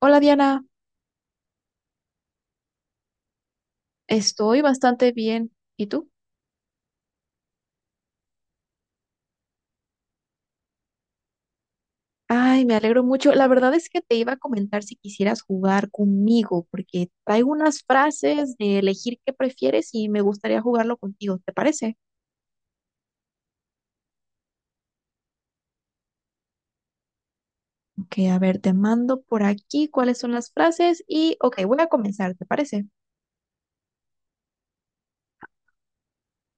Hola Diana, estoy bastante bien. ¿Y tú? Ay, me alegro mucho. La verdad es que te iba a comentar si quisieras jugar conmigo, porque traigo unas frases de elegir qué prefieres y me gustaría jugarlo contigo, ¿te parece? Ok, a ver, te mando por aquí cuáles son las frases y, ok, voy a comenzar, ¿te parece?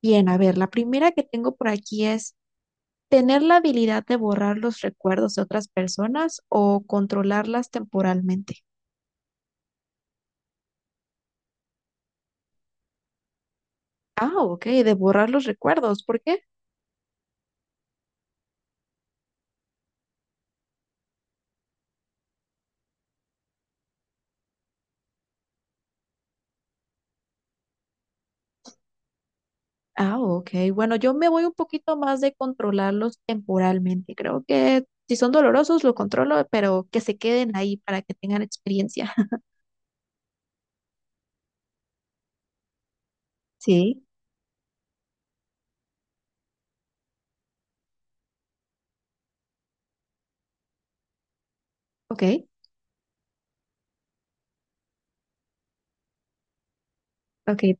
Bien, a ver, la primera que tengo por aquí es tener la habilidad de borrar los recuerdos de otras personas o controlarlas temporalmente. Ah, ok, de borrar los recuerdos, ¿por qué? Ah, ok. Bueno, yo me voy un poquito más de controlarlos temporalmente. Creo que si son dolorosos, lo controlo, pero que se queden ahí para que tengan experiencia. Sí, ok, ok.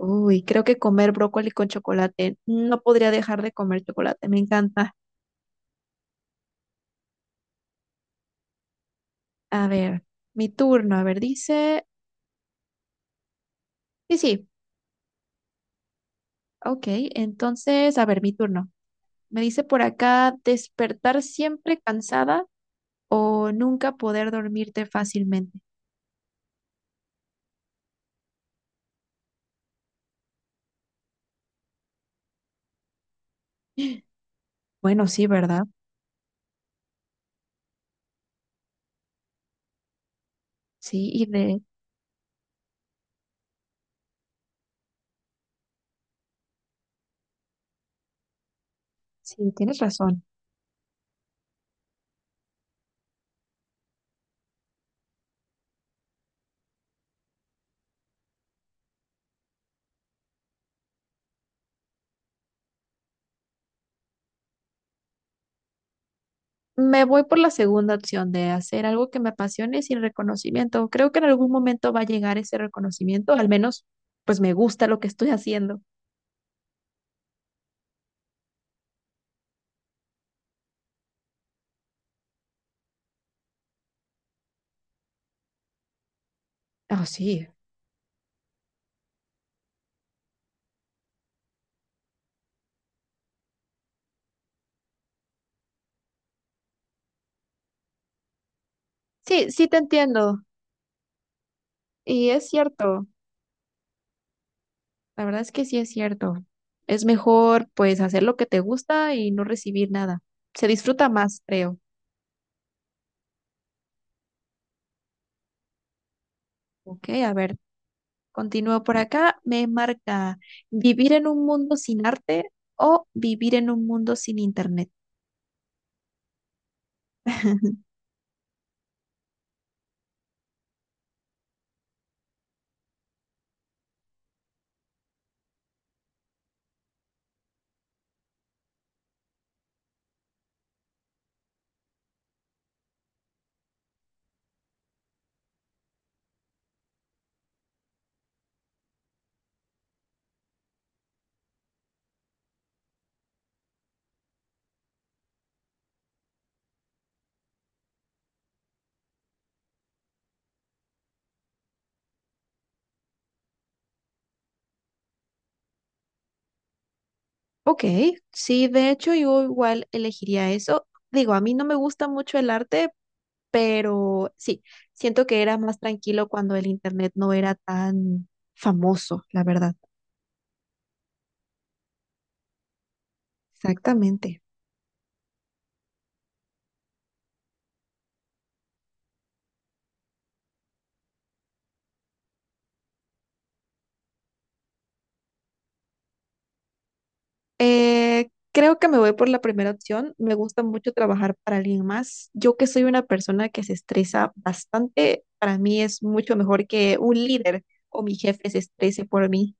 Uy, creo que comer brócoli con chocolate. No podría dejar de comer chocolate, me encanta. A ver, mi turno. A ver, dice. Sí, sí, ok. Entonces, a ver, mi turno. Me dice por acá despertar siempre cansada o nunca poder dormirte fácilmente. Bueno, sí, ¿verdad? Sí, sí, tienes razón. Me voy por la segunda opción de hacer algo que me apasione sin reconocimiento. Creo que en algún momento va a llegar ese reconocimiento, al menos pues me gusta lo que estoy haciendo. Oh, sí. Sí, sí te entiendo. Y es cierto, la verdad es que sí es cierto. Es mejor pues hacer lo que te gusta y no recibir nada. Se disfruta más, creo. Ok, a ver, continúo por acá. Me marca vivir en un mundo sin arte o vivir en un mundo sin internet. Ok, sí, de hecho yo igual elegiría eso. Digo, a mí no me gusta mucho el arte, pero sí, siento que era más tranquilo cuando el internet no era tan famoso, la verdad. Exactamente. Creo que me voy por la primera opción. Me gusta mucho trabajar para alguien más. Yo que soy una persona que se estresa bastante, para mí es mucho mejor que un líder o mi jefe se estrese por mí.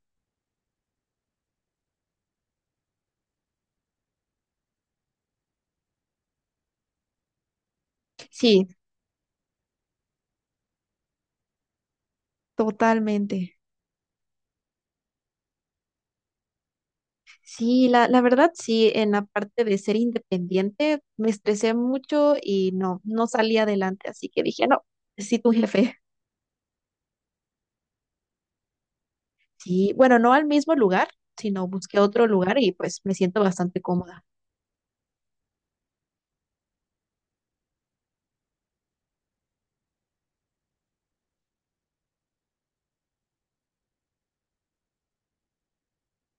Sí, totalmente. Sí, la verdad sí, en la parte de ser independiente me estresé mucho y no salí adelante, así que dije, no, sí, tu jefe. Sí, bueno, no al mismo lugar, sino busqué otro lugar y pues me siento bastante cómoda.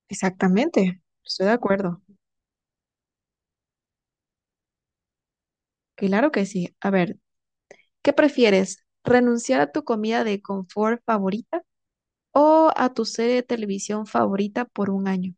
Exactamente, estoy de acuerdo. Claro que sí. A ver, ¿qué prefieres? ¿Renunciar a tu comida de confort favorita o a tu serie de televisión favorita por un año?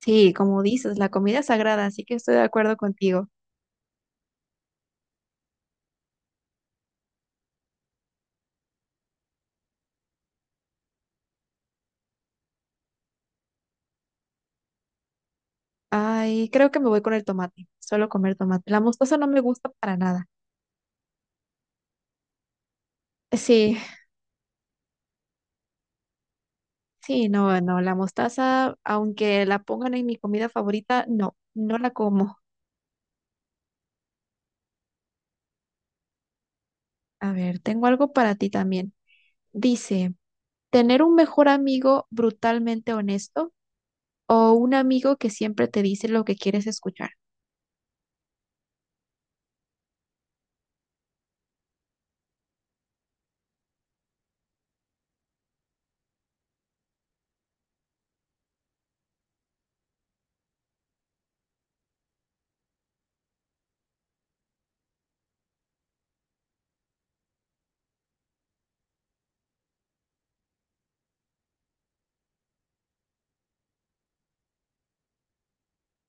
Sí, como dices, la comida es sagrada, así que estoy de acuerdo contigo. Ay, creo que me voy con el tomate. Solo comer tomate. La mostaza no me gusta para nada. Sí, sí, no, no. La mostaza, aunque la pongan en mi comida favorita, no, no la como. A ver, tengo algo para ti también. Dice, tener un mejor amigo brutalmente honesto o un amigo que siempre te dice lo que quieres escuchar.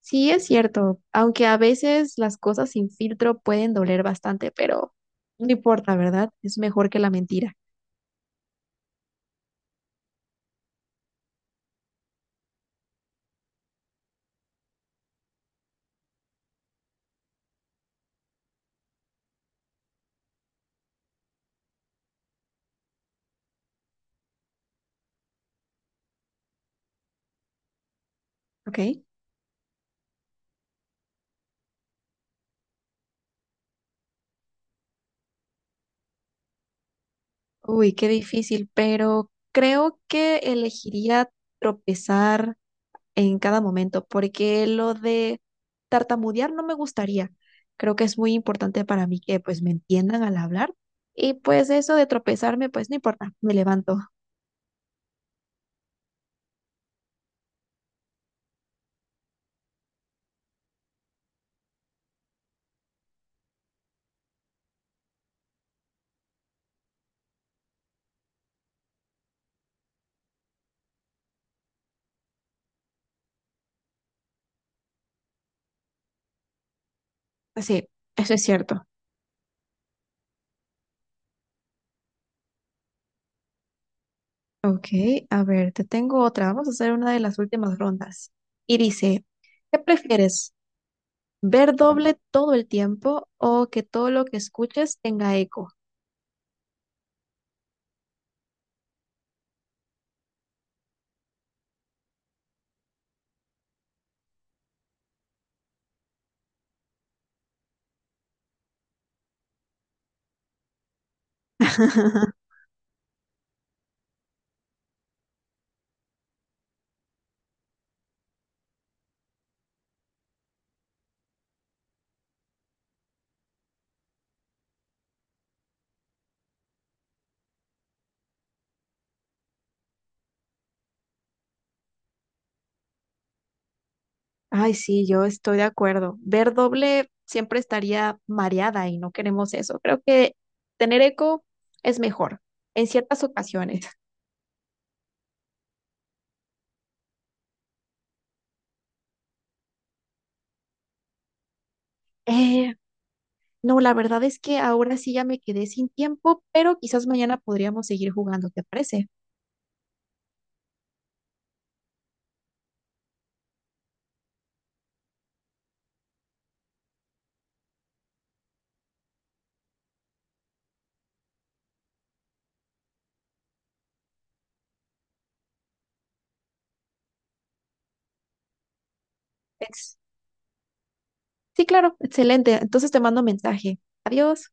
Sí, es cierto, aunque a veces las cosas sin filtro pueden doler bastante, pero no importa, ¿verdad? Es mejor que la mentira, ¿ok? Uy, qué difícil, pero creo que elegiría tropezar en cada momento, porque lo de tartamudear no me gustaría. Creo que es muy importante para mí que pues me entiendan al hablar y pues eso de tropezarme, pues no importa, me levanto. Pues sí, eso es cierto. Ok, a ver, te tengo otra. Vamos a hacer una de las últimas rondas. Y dice, ¿qué prefieres? ¿Ver doble todo el tiempo o que todo lo que escuches tenga eco? Ay, sí, yo estoy de acuerdo. Ver doble siempre estaría mareada y no queremos eso. Creo que tener eco es mejor en ciertas ocasiones. Eh, no, la verdad es que ahora sí ya me quedé sin tiempo, pero quizás mañana podríamos seguir jugando, ¿te parece? Sí, claro, excelente. Entonces te mando mensaje. Adiós.